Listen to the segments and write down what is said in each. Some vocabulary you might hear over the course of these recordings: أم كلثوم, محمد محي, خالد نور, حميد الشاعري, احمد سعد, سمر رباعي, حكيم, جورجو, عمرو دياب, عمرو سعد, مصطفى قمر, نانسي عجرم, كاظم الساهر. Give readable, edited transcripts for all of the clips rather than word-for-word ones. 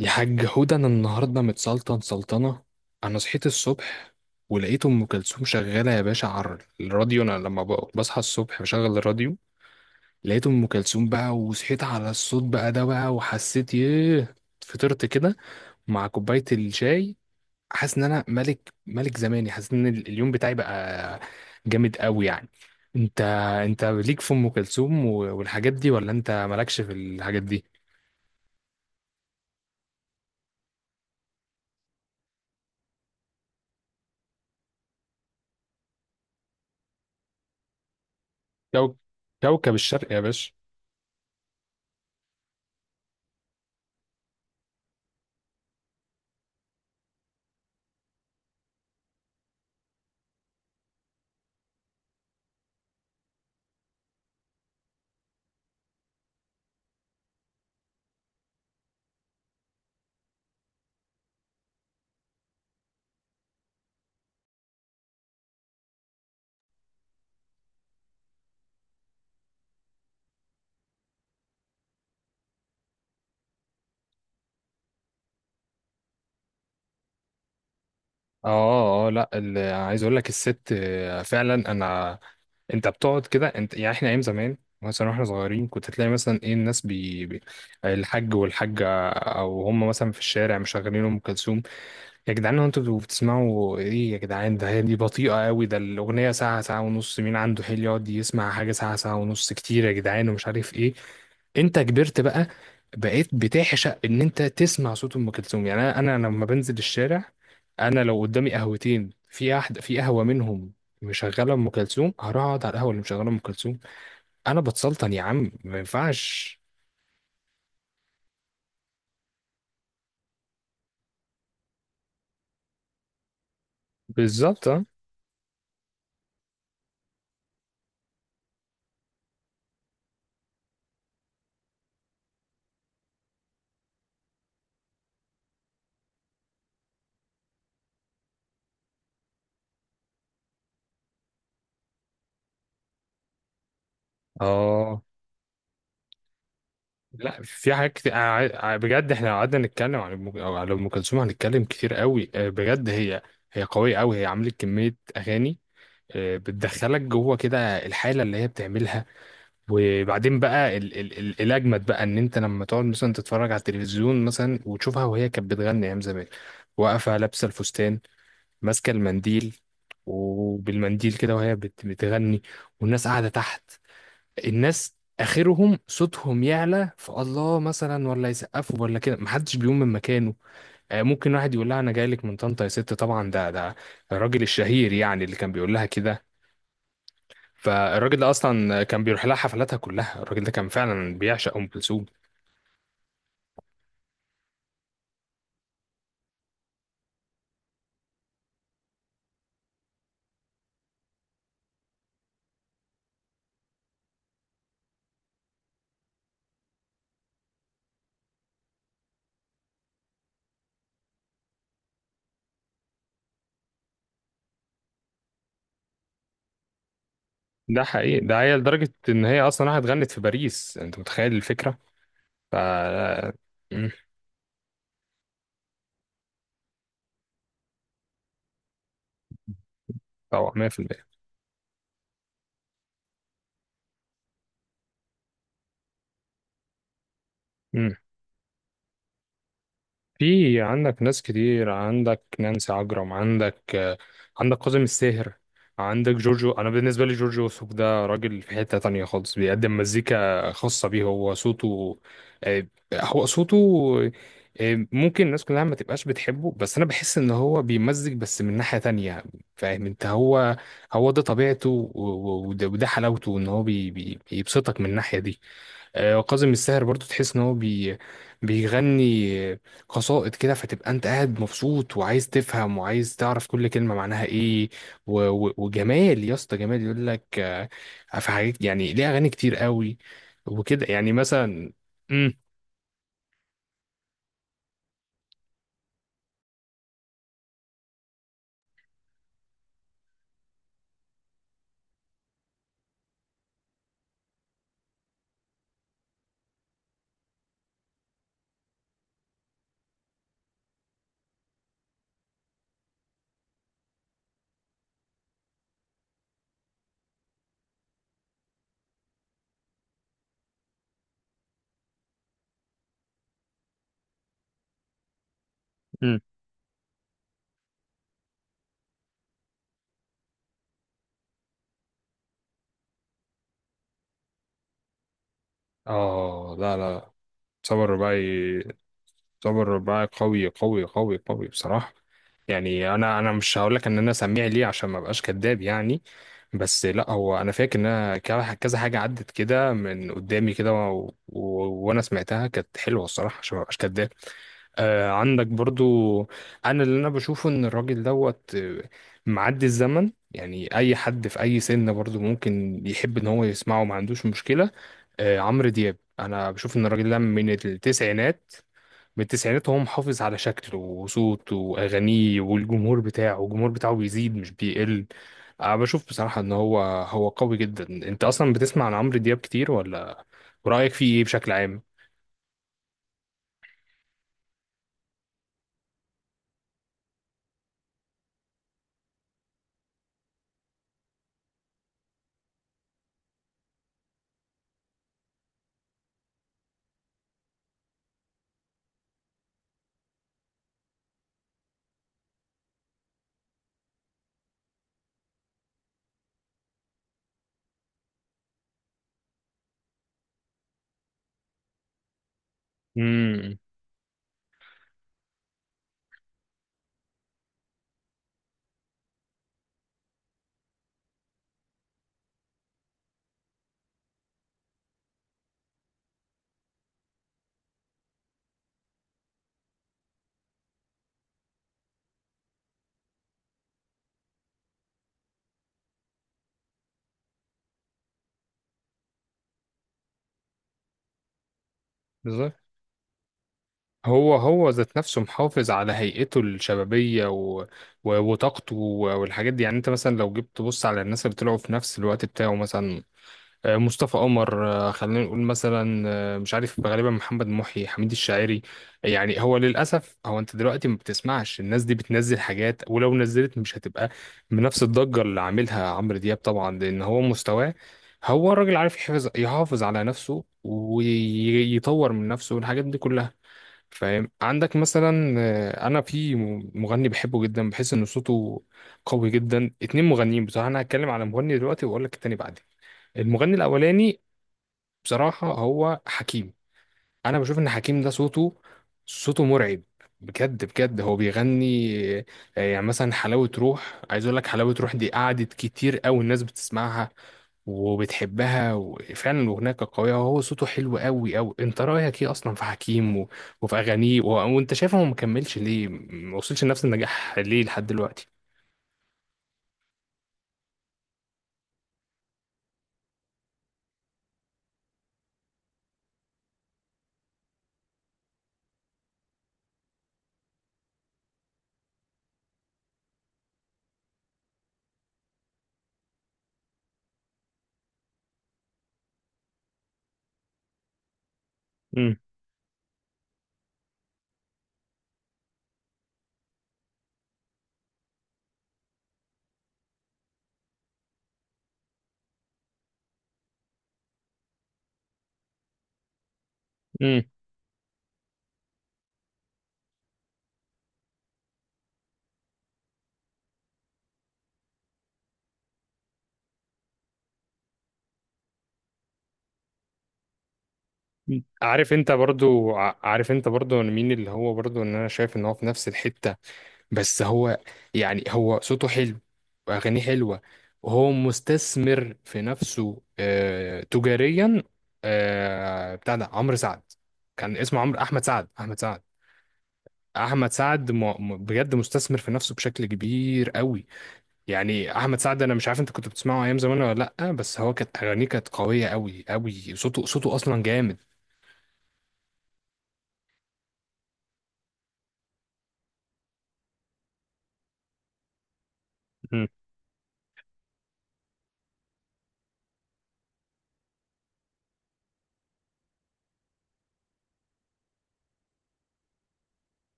يا حاج حودة أنا النهاردة متسلطن سلطنة. أنا صحيت الصبح ولقيت أم كلثوم شغالة يا باشا على الراديو. أنا لما بصحى الصبح بشغل الراديو، لقيت أم كلثوم بقى وصحيت على الصوت بقى ده بقى وحسيت ياه. فطرت كده مع كوباية الشاي، حاسس إن أنا ملك ملك زماني، حاسس إن اليوم بتاعي بقى جامد قوي يعني. أنت أنت ليك في أم كلثوم والحاجات دي ولا أنت مالكش في الحاجات دي؟ كوك- كوكب الشرق يا باشا. اه اه لا عايز اقول لك الست فعلا انا. انت بتقعد كده انت يعني، احنا ايام زمان مثلا واحنا صغيرين كنت تلاقي مثلا ايه الناس الحاج والحاجه او هم مثلا في الشارع مشغلين ام كلثوم. يا جدعان هو انتوا بتسمعوا ايه يا جدعان؟ ده هي دي بطيئة قوي، ده الأغنية ساعة، ساعة ونص. مين عنده حيل يقعد يسمع حاجة ساعة، ساعة ونص كتير يا جدعان ومش عارف ايه. انت كبرت بقى، بقيت بتعشق ان انت تسمع صوت ام كلثوم. يعني انا لما بنزل الشارع، انا لو قدامي قهوتين في احد في قهوة منهم مشغلة ام كلثوم، هروح اقعد على القهوة اللي مشغلة ام كلثوم. انا بتسلطن يا عم، ما ينفعش. بالظبط. اه لا في حاجات كتير. أنا بجد احنا لو قعدنا نتكلم عن أم- أو على ام كلثوم هنتكلم كتير قوي، بجد هي هي قويه قوي، هي عملت كميه اغاني بتدخلك جوه كده الحاله اللي هي بتعملها. وبعدين بقى ال ال ال الاجمد بقى ان انت لما تقعد مثلا تتفرج على التلفزيون مثلا وتشوفها، وهي كانت بتغني ايام زمان واقفه لابسه الفستان ماسكه المنديل، وبالمنديل كده وهي بتغني، والناس قاعده تحت. الناس اخرهم صوتهم يعلى فالله مثلا ولا يسقفوا ولا كده، محدش بيقوم من مكانه. ممكن واحد يقول لها انا جاي لك من طنطا يا ست، طبعا ده ده الراجل الشهير يعني اللي كان بيقول لها كده. فالراجل ده اصلا كان بيروح لها حفلاتها كلها، الراجل ده كان فعلا بيعشق ام كلثوم. ده حقيقي، ده هي لدرجه ان هي اصلا راحت غنت في باريس، انت متخيل الفكره؟ ف آه، مم، طبعا 100%. في عندك ناس كتير، عندك نانسي عجرم، عندك عندك كاظم الساهر، عندك جورجو. انا بالنسبه لي جورجو وسوف ده راجل في حته تانية خالص، بيقدم مزيكا خاصه بيه هو صوته، آه، هو صوته، ممكن الناس كلها ما تبقاش بتحبه بس انا بحس ان هو بيمزج بس من ناحيه تانية. فاهم انت؟ هو هو ده طبيعته وده حلاوته، ان هو بيبسطك من الناحيه دي. وكاظم الساهر برضو تحس ان هو بيغني قصائد كده، فتبقى انت قاعد مبسوط وعايز تفهم وعايز تعرف كل كلمة معناها ايه. وجمال، يا اسطى جمال يقول لك في حاجات، يعني ليه اغاني كتير قوي وكده يعني مثلا. امم. مم. اه لا لا، سمر رباعي، سوبر رباعي قوي قوي قوي قوي بصراحة. يعني انا مش هقول لك ان انا سميع ليه عشان ما ابقاش كذاب يعني، بس لا هو انا فاكر ان انا كذا حاجة عدت كده من قدامي كده وانا سمعتها كانت حلوة الصراحة عشان ما ابقاش كذاب. آه عندك برضو، انا اللي انا بشوفه ان الراجل دوت معدي الزمن، يعني اي حد في اي سن برضو ممكن يحب ان هو يسمعه ما عندوش مشكلة. عمرو دياب انا بشوف ان الراجل ده من التسعينات، من التسعينات وهو محافظ على شكله وصوته واغانيه، والجمهور بتاعه، الجمهور بتاعه بيزيد مش بيقل. أنا بشوف بصراحة إن هو هو قوي جدا. أنت أصلا بتسمع عن عمرو دياب كتير ولا؟ ورأيك فيه إيه بشكل عام؟ امم. بالظبط، هو هو ذات نفسه محافظ على هيئته الشبابية وطاقته والحاجات دي. يعني انت مثلا لو جيت تبص على الناس اللي طلعوا في نفس الوقت بتاعه مثلا، مصطفى قمر، خلينا نقول مثلا، مش عارف غالبا محمد محي، حميد الشاعري. يعني هو للأسف هو، أنت دلوقتي ما بتسمعش الناس دي بتنزل حاجات، ولو نزلت مش هتبقى بنفس الضجة اللي عاملها عمرو دياب طبعا، لأن هو مستواه، هو الراجل عارف يحافظ، يحافظ على نفسه ويطور من نفسه والحاجات دي كلها. فاهم؟ عندك مثلا انا في مغني بحبه جدا، بحس ان صوته قوي جدا. اتنين مغنيين بصراحه، انا هتكلم على مغني دلوقتي واقول لك التاني بعدين. المغني الاولاني بصراحه هو حكيم. انا بشوف ان حكيم ده صوته، صوته مرعب بجد بجد. هو بيغني يعني مثلا حلاوه روح، عايز اقول لك حلاوه روح دي قعدت كتير قوي الناس بتسمعها وبتحبها، وفعلا هناك قوية، وهو صوته حلو قوي قوي. انت رأيك ايه اصلا في حكيم وفي اغانيه وانت شايف هو مكملش ليه، ما وصلش لنفس النجاح ليه لحد دلوقتي؟ امم. امم. عارف انت برضو، عارف انت برضو مين اللي هو برضو ان انا شايف ان هو في نفس الحتة؟ بس هو يعني هو صوته حلو واغانيه حلوة، وهو مستثمر في نفسه آه تجاريا. آه بتاع ده عمرو سعد، كان اسمه عمرو، احمد سعد، احمد سعد. احمد سعد بجد مستثمر في نفسه بشكل كبير قوي. يعني احمد سعد انا مش عارف انت كنت بتسمعه ايام زمان ولا لا، بس هو كانت اغانيه كانت قويه قوي قوي، صوته صوته اصلا جامد.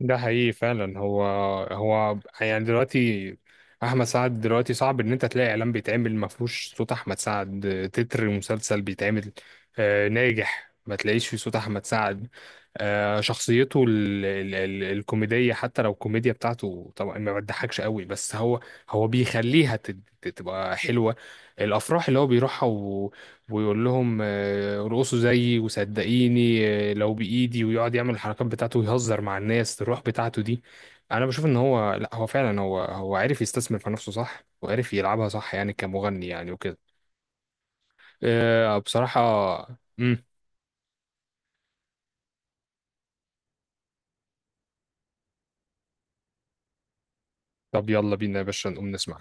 ده حقيقي فعلا. هو هو يعني دلوقتي احمد سعد دلوقتي صعب ان انت تلاقي اعلان بيتعمل ما فيهوش صوت احمد سعد، تتر مسلسل بيتعمل ناجح ما تلاقيش فيه صوت احمد سعد. شخصيته ال ال ال الكوميدية، حتى لو الكوميديا بتاعته طبعا ما بتضحكش قوي، بس هو هو بيخليها تبقى حلوة. الافراح اللي هو بيروحها ويقول لهم ارقصوا زيي وصدقيني لو بايدي، ويقعد يعمل الحركات بتاعته ويهزر مع الناس، الروح بتاعته دي. انا بشوف ان هو لا هو فعلا هو، هو عارف يستثمر في نفسه صح، وعارف يلعبها صح يعني كمغني يعني وكده. بصراحة. مم. طب يلا بينا يا باشا نقوم نسمع.